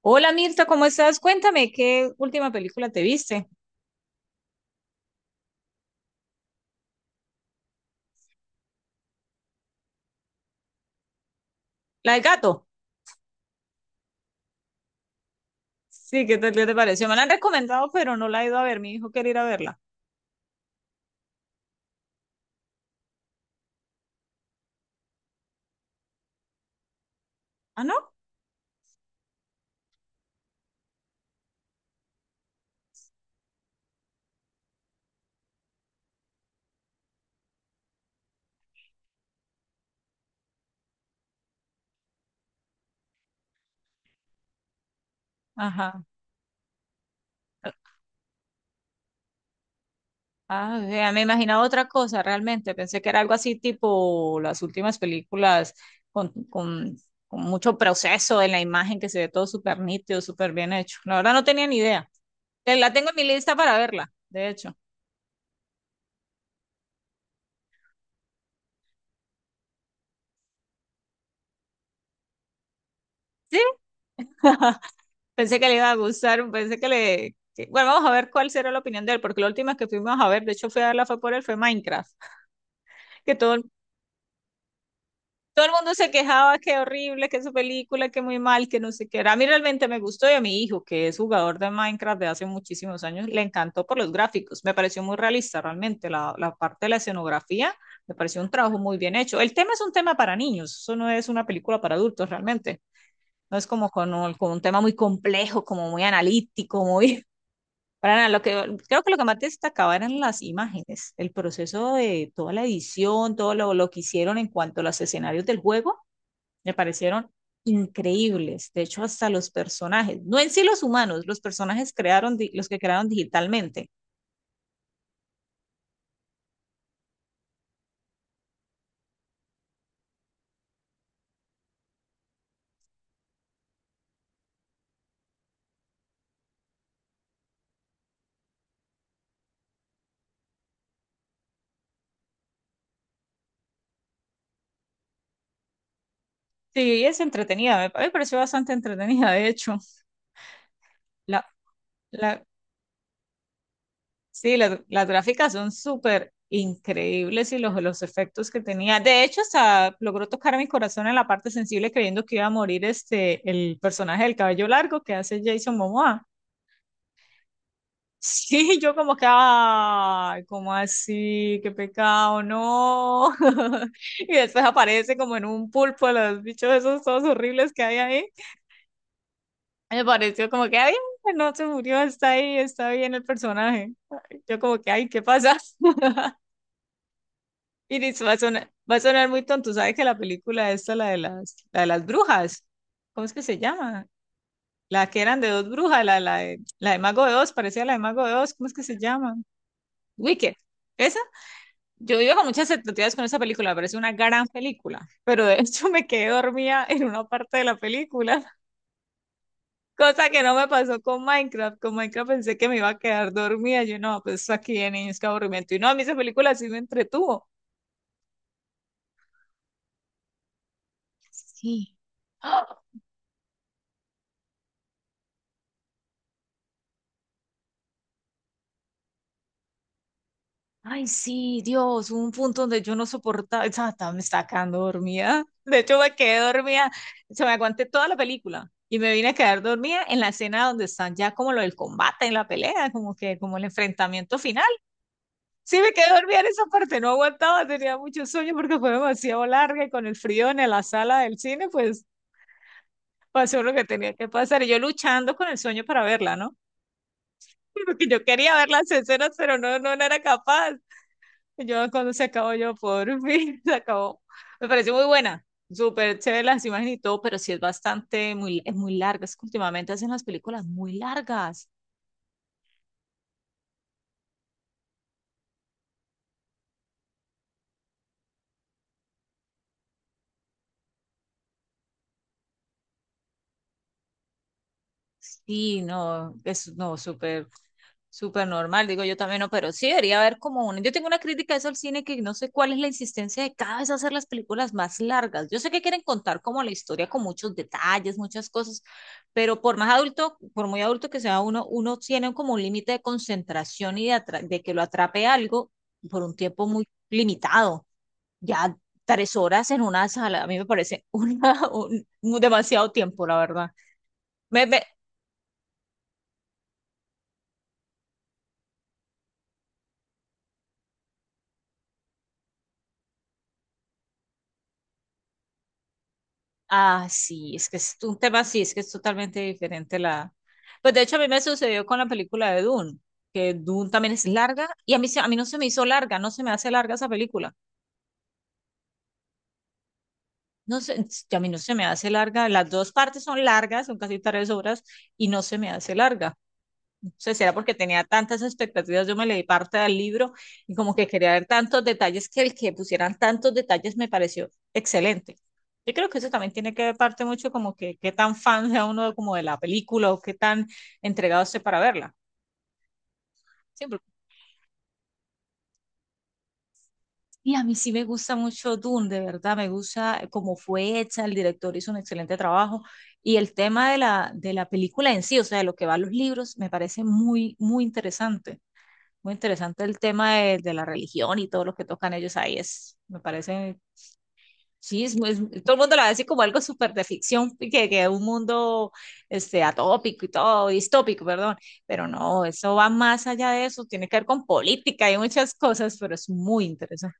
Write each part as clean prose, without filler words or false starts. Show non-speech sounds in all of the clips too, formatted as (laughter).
Hola Mirta, ¿cómo estás? Cuéntame, ¿qué última película te viste? La del gato. Sí, ¿qué tal qué te pareció? Me la han recomendado, pero no la he ido a ver. Mi hijo quiere ir a verla. ¿Ah, no? Ajá. Ah, vea, me imaginaba otra cosa realmente. Pensé que era algo así tipo las últimas películas con, con, con mucho proceso en la imagen que se ve todo súper nítido, súper bien hecho. La verdad no tenía ni idea. La tengo en mi lista para verla, de hecho. ¿Sí? (laughs) Pensé que le iba a gustar, pensé que bueno, vamos a ver cuál será la opinión de él, porque la última que fuimos a ver, de hecho fui a verla fue por él, fue Minecraft, que todo, todo el mundo se quejaba que horrible, que su película, que muy mal, que no sé qué era. A mí realmente me gustó y a mi hijo, que es jugador de Minecraft de hace muchísimos años, le encantó por los gráficos, me pareció muy realista realmente, la parte de la escenografía, me pareció un trabajo muy bien hecho. El tema es un tema para niños, eso no es una película para adultos realmente. No es como con un tema muy complejo, como muy analítico, muy... Para nada, creo que lo que más destacaba eran las imágenes, el proceso de toda la edición, todo lo que hicieron en cuanto a los escenarios del juego, me parecieron increíbles. De hecho, hasta los personajes, no en sí los humanos, los personajes crearon, los que crearon digitalmente. Sí, es entretenida, me pareció bastante entretenida, de hecho. La, la, Sí, las gráficas son súper increíbles y los efectos que tenía. De hecho, hasta logró tocar mi corazón en la parte sensible creyendo que iba a morir este, el personaje del cabello largo que hace Jason Momoa. (laughs) Sí, yo como que, ay, ¿cómo así? Qué pecado, no. (laughs) Y después aparece como en un pulpo los bichos esos todos horribles que hay ahí. Me pareció como que, ay, no se murió, está ahí, está bien el personaje. Yo como que, ay, ¿qué pasa? (laughs) Iris, va a sonar muy tonto. ¿Sabes que la película esta, la de las brujas? ¿Cómo es que se llama? La que eran de dos brujas, la de Mago de Oz, parecía la de Mago de Oz. ¿Cómo es que se llama? Wicked. Esa, yo iba con muchas expectativas con esa película, me parece una gran película, pero de hecho me quedé dormida en una parte de la película, (laughs) cosa que no me pasó con Minecraft. Con Minecraft pensé que me iba a quedar dormida. Yo no, pues aquí de niños, qué aburrimiento. Y no, a mí esa película sí me entretuvo. Sí. Ay, sí, Dios, hubo un punto donde yo no soportaba, me estaba quedando dormida. De hecho, me quedé dormida, se me aguanté toda la película y me vine a quedar dormida en la escena donde están ya como lo del combate, en la pelea, como que como el enfrentamiento final. Sí, me quedé dormida en esa parte, no aguantaba, tenía mucho sueño porque fue demasiado larga y con el frío en la sala del cine, pues pasó lo que tenía que pasar y yo luchando con el sueño para verla, ¿no? (laughs) Porque yo quería ver las escenas, pero no, no, no era capaz. Yo cuando se acabó, yo por fin (laughs) se acabó. Me pareció muy buena, súper chévere las imágenes y todo, pero sí es bastante, muy, es muy larga. Es que últimamente hacen las películas muy largas. Sí, no, es no, súper. Súper normal, digo yo también, no, pero sí debería haber como una. Yo tengo una crítica a eso al cine que no sé cuál es la insistencia de cada vez hacer las películas más largas. Yo sé que quieren contar como la historia con muchos detalles, muchas cosas, pero por más adulto, por muy adulto que sea uno, uno tiene como un límite de concentración y de que lo atrape algo por un tiempo muy limitado. Ya 3 horas en una sala, a mí me parece (laughs) un demasiado tiempo, la verdad. Me, me- Ah, sí, es que es un tema, sí, es que es totalmente diferente la... Pues de hecho a mí me sucedió con la película de Dune, que Dune también es larga y a mí, a mí no se me hizo larga, no se me hace larga esa película. No sé, a mí no se me hace larga, las dos partes son largas, son casi 3 horas y no se me hace larga. Sea, será porque tenía tantas expectativas, yo me leí parte del libro y como que quería ver tantos detalles que el que pusieran tantos detalles me pareció excelente. Yo creo que eso también tiene que ver parte mucho como que qué tan fan sea uno como de la película o qué tan entregado esté para verla. Sí, y a mí sí me gusta mucho Dune, de verdad, me gusta cómo fue hecha, el director hizo un excelente trabajo y el tema de la película en sí, o sea, de lo que va a los libros, me parece muy, muy interesante. Muy interesante el tema de la religión y todo lo que tocan ellos ahí. Es, me parece, sí, todo el mundo lo dice como algo súper de ficción, y que un mundo este, atópico y todo, distópico, perdón. Pero no, eso va más allá de eso, tiene que ver con política y muchas cosas, pero es muy interesante.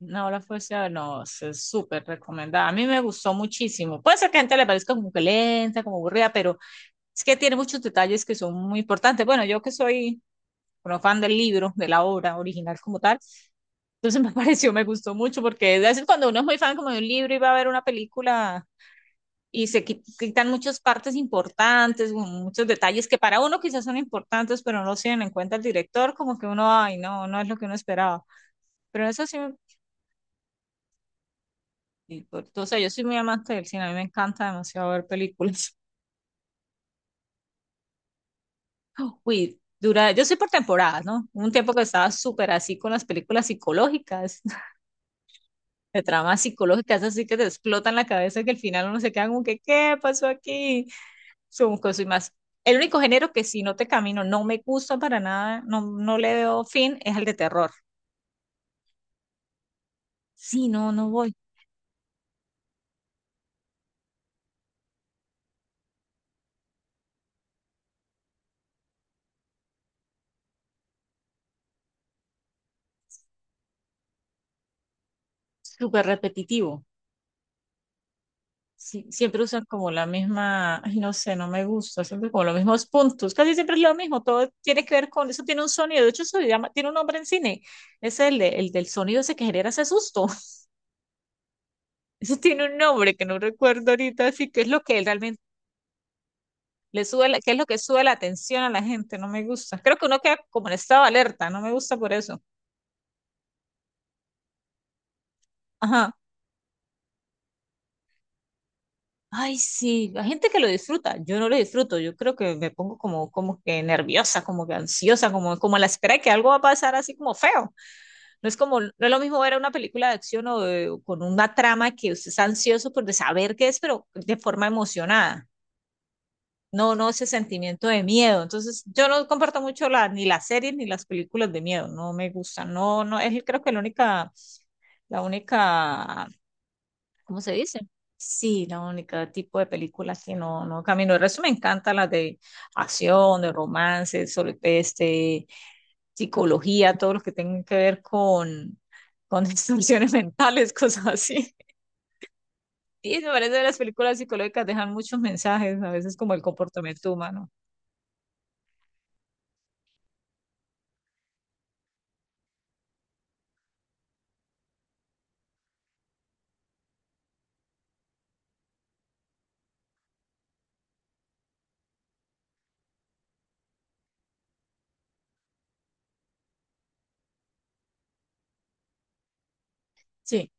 No, la fuerza no, es súper recomendada. A mí me gustó muchísimo. Puede ser que a gente le parezca como que lenta, como aburrida, pero es que tiene muchos detalles que son muy importantes. Bueno, yo que soy bueno, fan del libro, de la obra original como tal. Entonces (laughs) me pareció, me gustó mucho, porque a veces cuando uno es muy fan como de un libro y va a ver una película y quitan muchas partes importantes, muchos detalles que para uno quizás son importantes, pero no los tienen en cuenta el director, como que uno, ay, no, no es lo que uno esperaba. Pero eso sí, o sea, yo soy muy amante del cine, a mí me encanta demasiado ver películas. (laughs) Uy, dura, yo soy por temporadas, ¿no? Hubo un tiempo que estaba súper así con las películas psicológicas de tramas psicológicas así que te explotan la cabeza que al final uno se queda como que, ¿qué pasó aquí? Son cosas y más. El único género que si no te camino, no me gusta para nada, no, no le veo fin, es el de terror. Sí, no, no voy. Súper repetitivo. Sí, siempre usan como la misma, ay, no sé, no me gusta, siempre como los mismos puntos, casi siempre es lo mismo, todo tiene que ver con, eso tiene un sonido, de hecho eso se llama, tiene un nombre en cine, es el, el del sonido ese que genera ese susto, (laughs) eso tiene un nombre que no recuerdo ahorita, así que es lo que realmente. ¿Qué es lo que sube la atención a la gente? No me gusta. Creo que uno queda como en estado de alerta, no me gusta por eso. Ajá. Ay, sí, hay gente que lo disfruta, yo no lo disfruto, yo creo que me pongo como que nerviosa, como que ansiosa, como a la espera de que algo va a pasar así como feo. No es como, no es lo mismo ver una película de acción o con una trama que usted está ansioso por de saber qué es, pero de forma emocionada. No, no ese sentimiento de miedo. Entonces, yo no comparto mucho ni las series ni las películas de miedo. No me gustan. No, no, es creo que la única La única, ¿cómo se dice? Sí, la única tipo de películas que no, no camino. El resto me encanta las de acción, de romance, sobre, este, psicología, todo lo que tenga que ver con (laughs) distorsiones mentales, cosas así. Sí, me parece que las películas psicológicas dejan muchos mensajes, a veces como el comportamiento humano. Sí.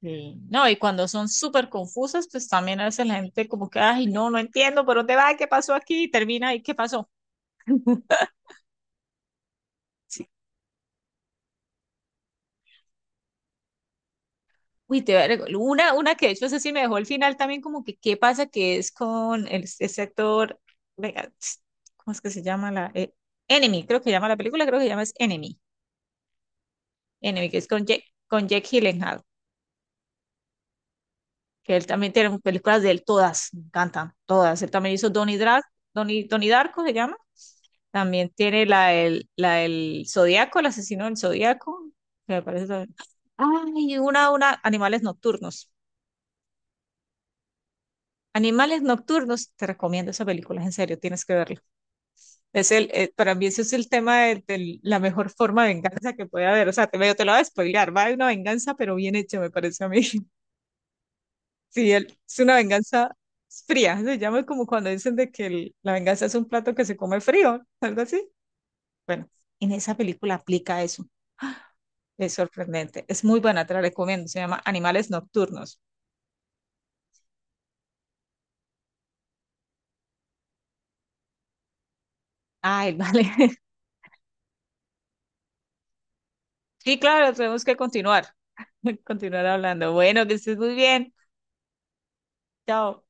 Sí. No, y cuando son súper confusas, pues también a veces la gente como que, ay, no, no entiendo por dónde va, qué pasó aquí, y termina y qué pasó. (laughs) Sí. Uy, te voy a una que de hecho, eso sí me dejó el final también, como que qué pasa que es con el, ese actor, venga, ¿cómo es que se llama la? Enemy, creo que llama la película, creo que llama es Enemy, Enemy, que es con Jack Gyllenhaal, que él también tiene películas de él, todas, me encantan, todas. Él también hizo Donnie Darko, se llama. También tiene la del Zodíaco, el asesino del Zodíaco, que me parece también. Ay, Animales Nocturnos. Animales Nocturnos, te recomiendo esa película, en serio, tienes que verla. Es para mí ese es el tema de la mejor forma de venganza que puede haber. O sea, medio te lo voy a spoilear, va de una venganza, pero bien hecha, me parece a mí. (laughs) Sí, es una venganza fría, se llama como cuando dicen de que la venganza es un plato que se come frío, algo así. Bueno, en esa película aplica eso. (gasps) ¡Ah! Es sorprendente, es muy buena, te la recomiendo. Se llama Animales Nocturnos. Ay, (laughs) vale. Sí, claro, tenemos que continuar, (laughs) continuar hablando. Bueno, que estés muy bien. Chao.